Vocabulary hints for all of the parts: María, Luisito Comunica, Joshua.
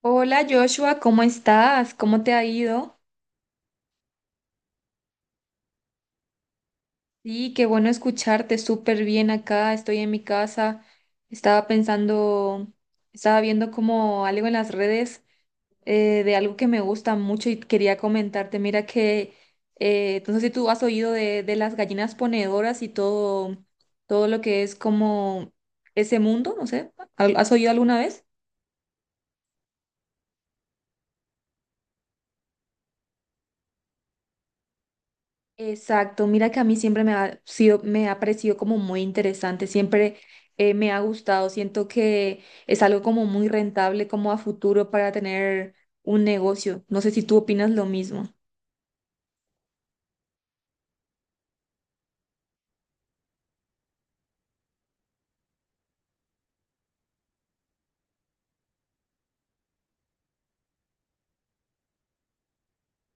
Hola Joshua, ¿cómo estás? ¿Cómo te ha ido? Sí, qué bueno escucharte, súper bien acá, estoy en mi casa, estaba pensando, estaba viendo como algo en las redes de algo que me gusta mucho y quería comentarte, mira que, no sé si tú has oído de las gallinas ponedoras y todo, todo lo que es como ese mundo, no sé, ¿has oído alguna vez? Exacto, mira que a mí siempre me ha sido, me ha parecido como muy interesante, siempre me ha gustado, siento que es algo como muy rentable como a futuro para tener un negocio. No sé si tú opinas lo mismo,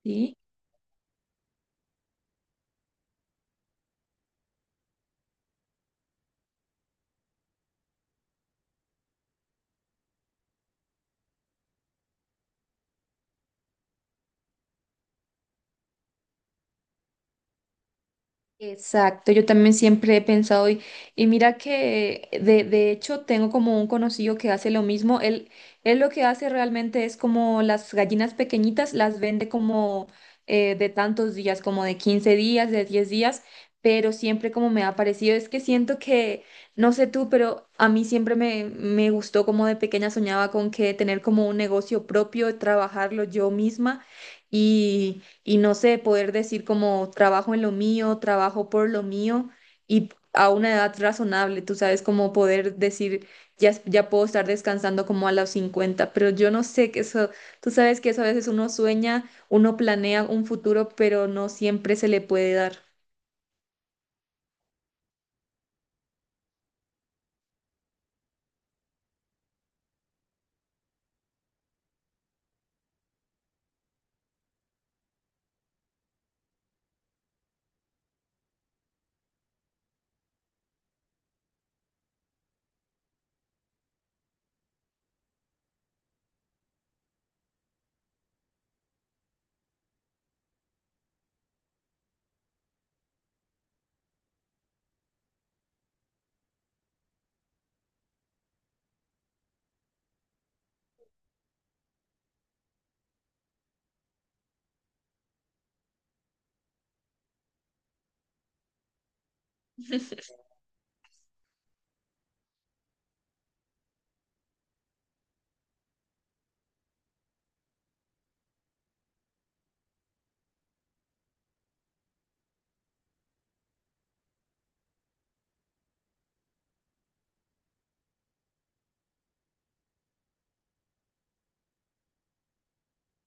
¿sí? Exacto, yo también siempre he pensado y mira que de hecho tengo como un conocido que hace lo mismo, él lo que hace realmente es como las gallinas pequeñitas las vende como de tantos días, como de 15 días, de 10 días, pero siempre como me ha parecido, es que siento que, no sé tú, pero a mí siempre me gustó como de pequeña soñaba con que tener como un negocio propio, trabajarlo yo misma y no sé, poder decir como trabajo en lo mío, trabajo por lo mío y a una edad razonable, tú sabes, como poder decir, ya, ya puedo estar descansando como a los 50 pero yo no sé que eso, tú sabes que eso a veces uno sueña, uno planea un futuro, pero no siempre se le puede dar.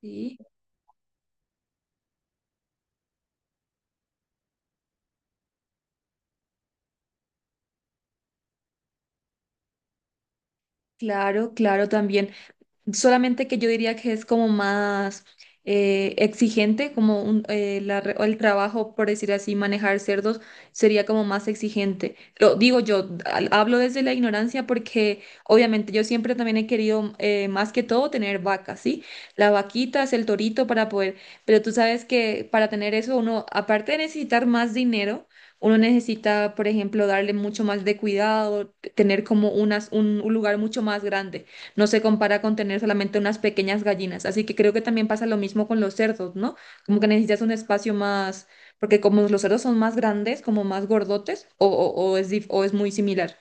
Sí. Claro, claro, también. Solamente que yo diría que es como más exigente, como un, la re- o el trabajo, por decir así, manejar cerdos sería como más exigente. Lo digo yo, hablo desde la ignorancia porque obviamente yo siempre también he querido más que todo tener vacas, ¿sí? La vaquita es el torito para poder, pero tú sabes que para tener eso uno, aparte de necesitar más dinero, uno necesita, por ejemplo, darle mucho más de cuidado, tener como unas, un lugar mucho más grande no se compara con tener solamente unas pequeñas gallinas. Así que creo que también pasa lo mismo con los cerdos, ¿no? Como que necesitas un espacio más, porque como los cerdos son más grandes, como más gordotes, o es muy similar.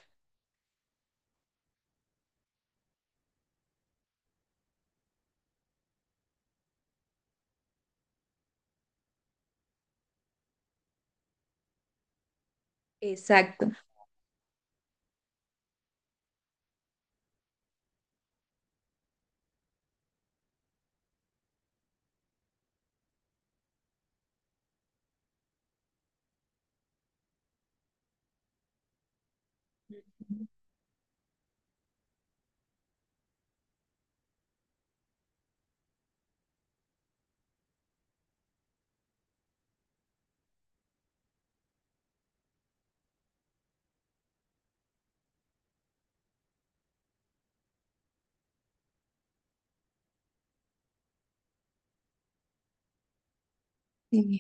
Exacto. Sí.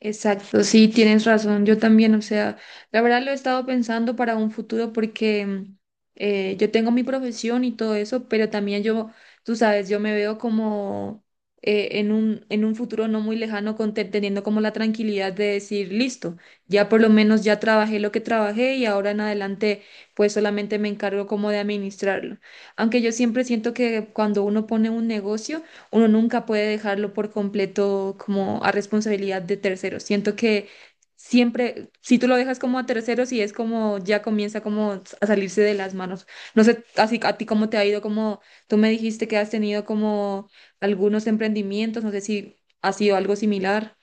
Exacto, sí, tienes razón. Yo también, o sea, la verdad lo he estado pensando para un futuro porque yo tengo mi profesión y todo eso, pero también yo, tú sabes, yo me veo como en un futuro no muy lejano con teniendo como la tranquilidad de decir, listo, ya por lo menos ya trabajé lo que trabajé y ahora en adelante pues solamente me encargo como de administrarlo. Aunque yo siempre siento que cuando uno pone un negocio, uno nunca puede dejarlo por completo como a responsabilidad de terceros. Siento que siempre, si tú lo dejas como a terceros y es como ya comienza como a salirse de las manos. No sé, así a ti cómo te ha ido, como tú me dijiste que has tenido como algunos emprendimientos, no sé si ha sido algo similar.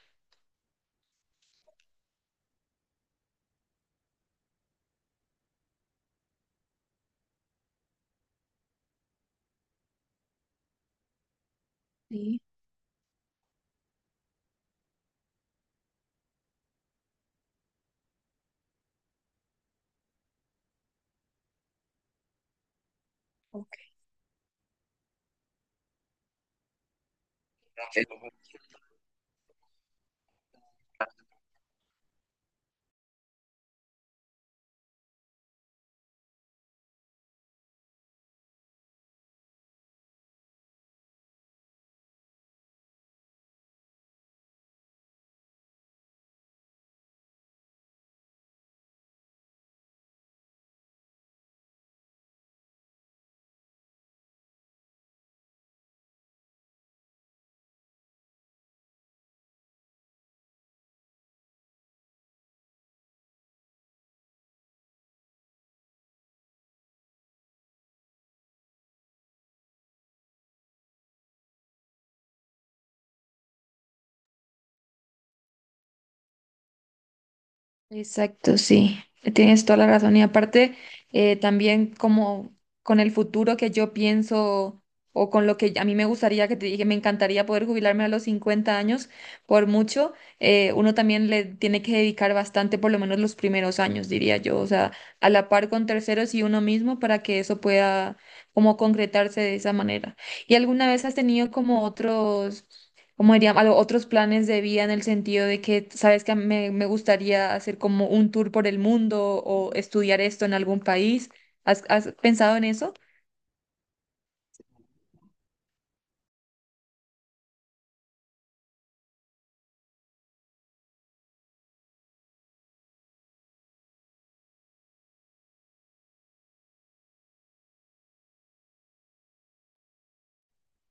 Exacto, sí, tienes toda la razón. Y aparte, también como con el futuro que yo pienso o con lo que a mí me gustaría, que te dije, me encantaría poder jubilarme a los 50 años, por mucho, uno también le tiene que dedicar bastante, por lo menos los primeros años, diría yo, o sea, a la par con terceros y uno mismo para que eso pueda como concretarse de esa manera. ¿Y alguna vez has tenido como otros como dirían, a los otros planes de vida en el sentido de que, sabes que me gustaría hacer como un tour por el mundo o estudiar esto en algún país? ¿Has, has pensado en eso?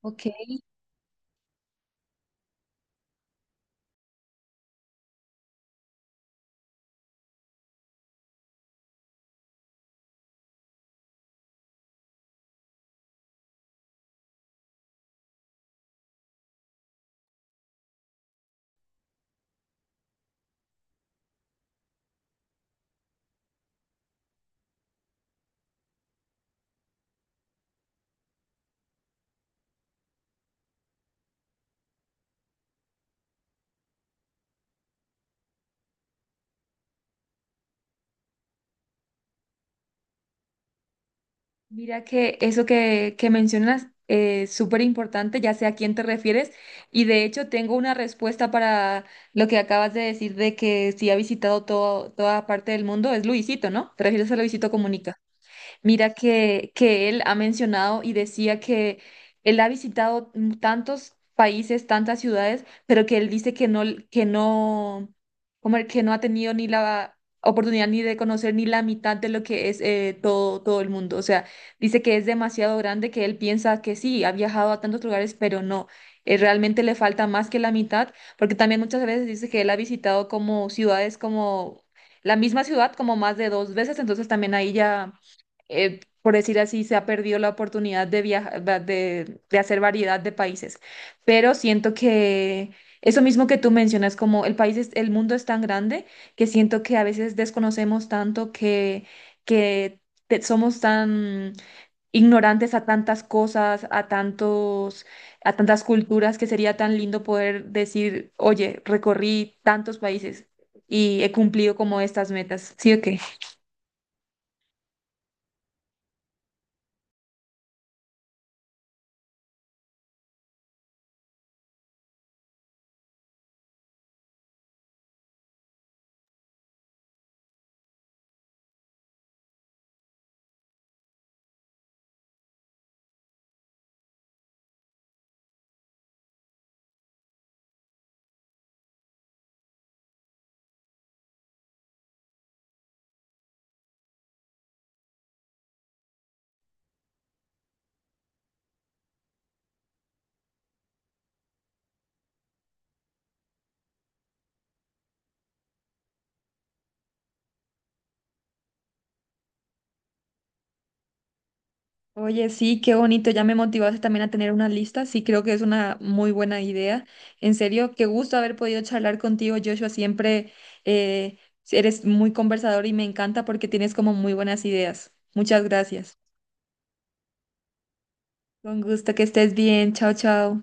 Ok, mira que eso que mencionas es súper importante, ya sé a quién te refieres, y de hecho tengo una respuesta para lo que acabas de decir de que si ha visitado todo, toda parte del mundo, es Luisito, ¿no? ¿Te refieres a Luisito Comunica? Mira que él ha mencionado y decía que él ha visitado tantos países, tantas ciudades, pero que él dice que no, como el que no ha tenido ni la oportunidad ni de conocer ni la mitad de lo que es todo, todo el mundo. O sea, dice que es demasiado grande, que él piensa que sí, ha viajado a tantos lugares, pero no. Realmente le falta más que la mitad, porque también muchas veces dice que él ha visitado como ciudades como la misma ciudad como más de dos veces, entonces también ahí ya por decir así, se ha perdido la oportunidad de viajar, de hacer variedad de países. Pero siento que eso mismo que tú mencionas, como el país es, el mundo es tan grande que siento que a veces desconocemos tanto que somos tan ignorantes a tantas cosas, a tantos, a tantas culturas, que sería tan lindo poder decir, oye, recorrí tantos países y he cumplido como estas metas. ¿Sí o qué? Oye, sí, qué bonito, ya me motivaste también a tener una lista, sí, creo que es una muy buena idea. En serio, qué gusto haber podido charlar contigo, Joshua, siempre eh, eres muy conversador y me encanta porque tienes como muy buenas ideas. Muchas gracias. Con gusto, que estés bien, chao, chao.